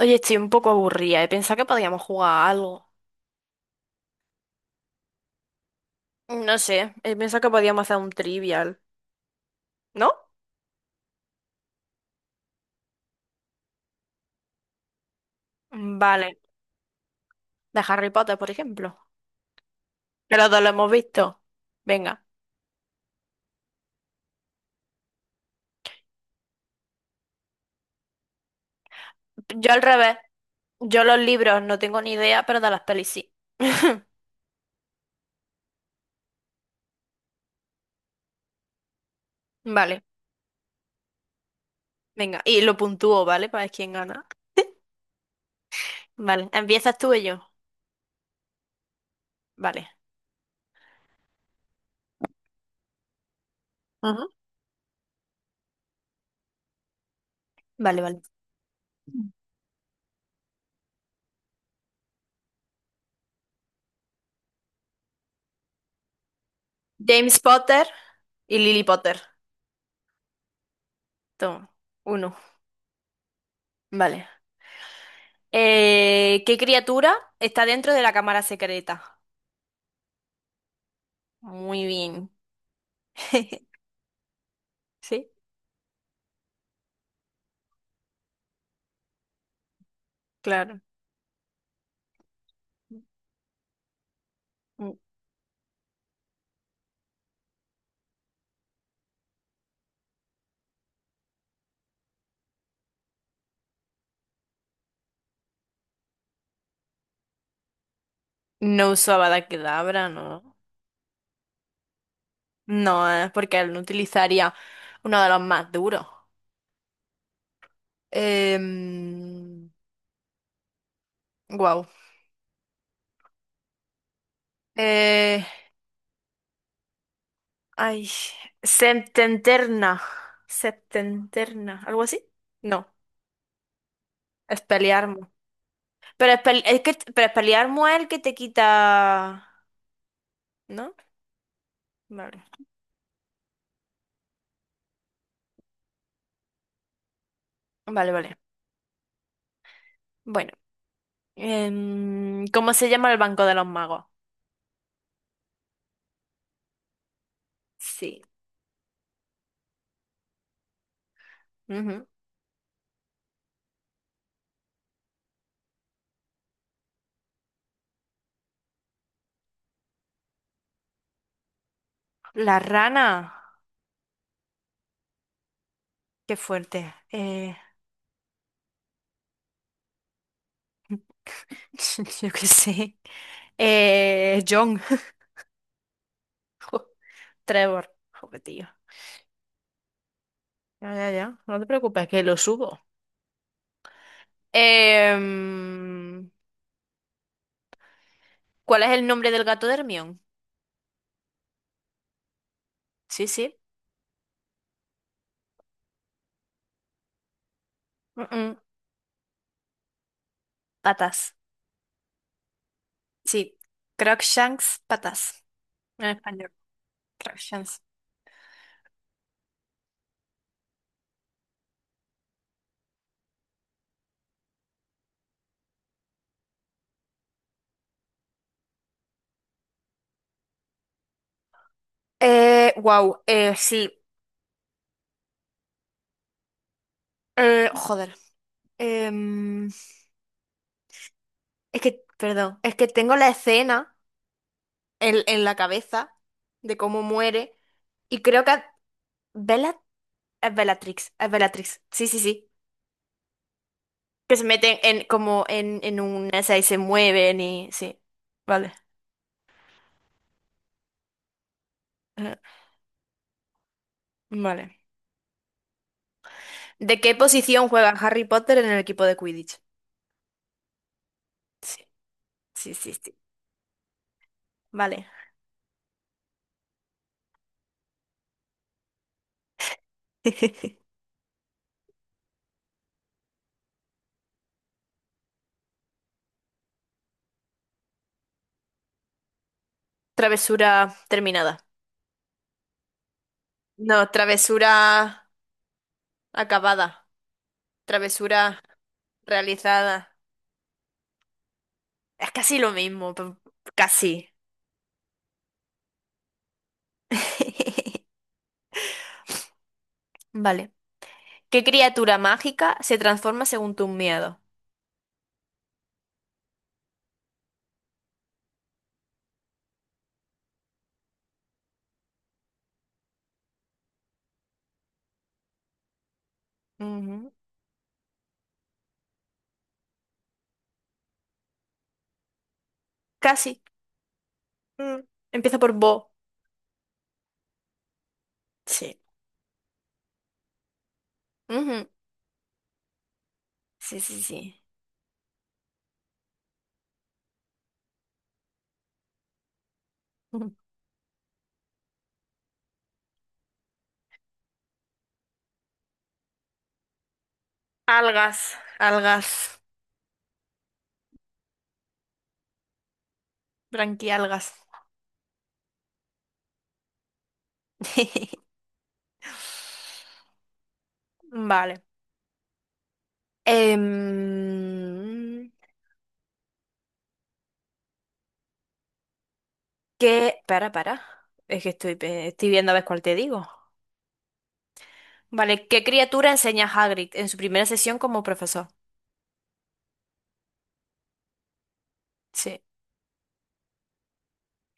Oye, estoy un poco aburrida. He pensado que podíamos jugar a algo. No sé, he pensado que podíamos hacer un trivial, ¿no? Vale. De Harry Potter, por ejemplo. Que los dos lo hemos visto. Venga. Yo al revés. Yo los libros no tengo ni idea, pero de las pelis sí. Vale. Venga. Y lo puntúo, ¿vale? Para ver quién gana. Vale. ¿Empiezas tú y yo? Vale. Ajá. Vale, vale. James Potter y Lily Potter. Toma. Uno. Vale. ¿Qué criatura está dentro de la cámara secreta? Muy bien. Sí, claro. N- No usaba la Kedavra, no. No, porque él no utilizaría uno de los más duros. Eh, wow. Eh, ay, septenterna. Septenterna, ¿algo así? No, Expelliarmus. Pero Expel- es que, pero Expelliarmus es el que te quita, ¿no? Vale, vale, vale. Bueno. ¿Cómo se llama el Banco de los Magos? Sí. Ujú. La rana. Qué fuerte. Yo qué sé. John. Jo, Trevor. Joder, tío. Ya, ya, ya. No te preocupes, que lo subo. Em, ¿Cuál es el nombre del gato de Hermione? Sí, sí. Mm-mm, patas. Sí. Crookshanks, patas. En español. Crookshanks. Wow. Sí. Joder. Em, Es que, perdón, es que tengo la escena en la cabeza de cómo muere y creo que Bella, es Bellatrix, sí, sí, sí, que se meten en como en una esa y se mueven y sí, vale, eh, vale. ¿De qué posición juega Harry Potter en el equipo de Quidditch? Sí, sí, sí, sí, vale. Travesura terminada. No, travesura acabada, travesura realizada. Es casi lo mismo, pero casi. Vale. ¿Qué criatura mágica se transforma según tus miedos? Ujú. Casi. Mm. Empieza por bo. Sí. Ujú. Sí, sí, sí. Ujú. Algas, algas, branquialgas. Vale. Em, ¿Qué? Para, para. Es que estoy, pe- estoy viendo a ver cuál te digo. Vale, ¿qué criatura enseña Hagrid en su primera sesión como profesor? Sí,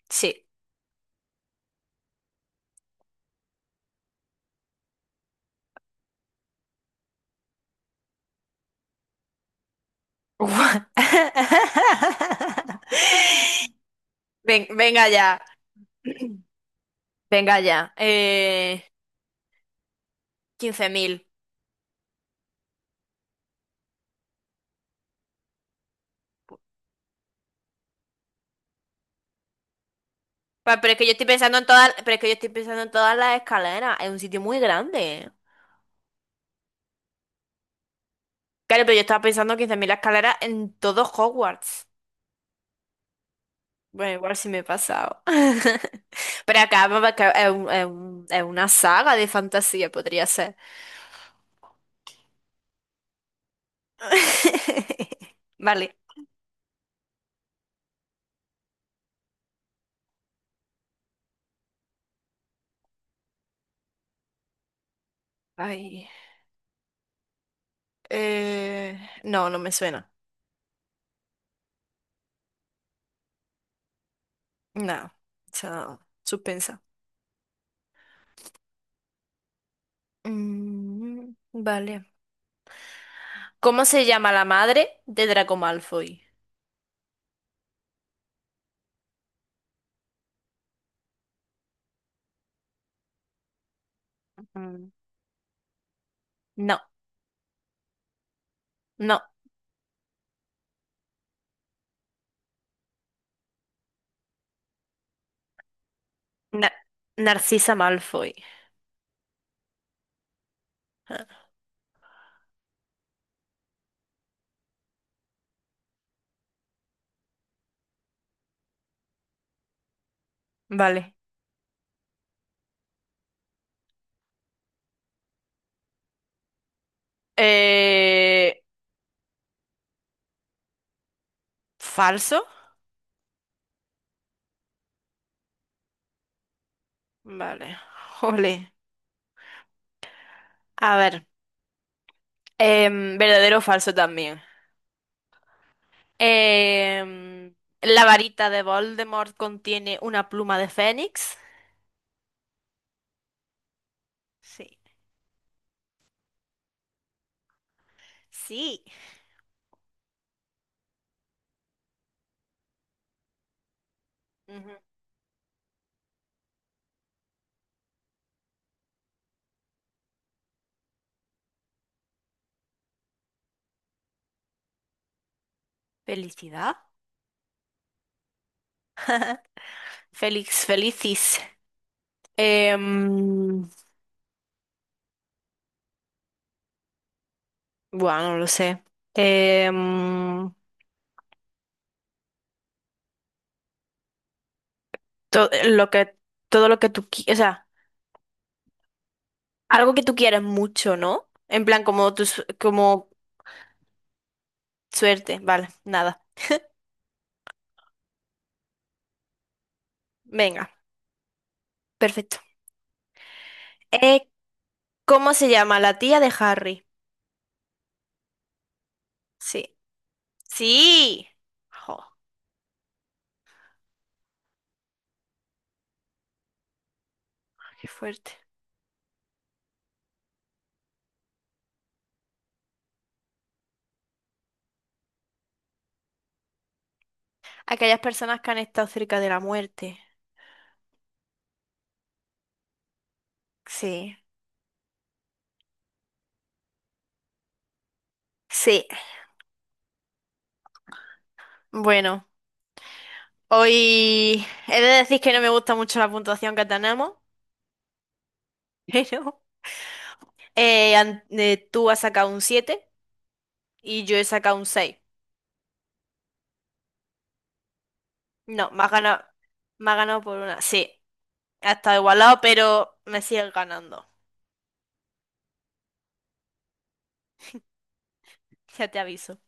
sí. Guau. Ven- venga ya. Venga ya. 15.000. Pa- Pero es que yo estoy pensando en todas, pero es que yo estoy pensando en todas las escaleras. Es un sitio muy grande. Claro, pero yo estaba pensando 15.000 escaleras en todo Hogwarts. Bueno, igual sí me he pasado. Pero acá vamos a ca- es un- es un- es una saga de fantasía, podría ser. Vale. Ay. No, no me suena. No. O sea, suspensa. Mm, vale. ¿Cómo se llama la madre de Draco Malfoy? Mm. No, no, Na- Narcisa Malfoy. Vale. Eh, ¿Falso? Vale. Jole. A ver. Em, verdadero o falso también. Em, ¿La varita de Voldemort contiene una pluma de fénix? Sí. Sí. Ujú. ¿Felicidad? Félix, felicis. Em, buah, no lo sé. Em, todo lo que tú qui- o sea, algo que tú quieras mucho, ¿no? En plan como tu su- como suerte, vale, nada. Venga, perfecto. Eh, ¿Cómo se llama la tía de Harry? Sí. Sí. Jo, qué fuerte. Aquellas personas que han estado cerca de la muerte. Sí. Sí. Bueno, hoy he de decir que no me gusta mucho la puntuación que tenemos, pero tú has sacado un 7 y yo he sacado un seis. No, me has ganado por una. Sí, ha estado igualado, pero me sigues ganando. Ya te aviso.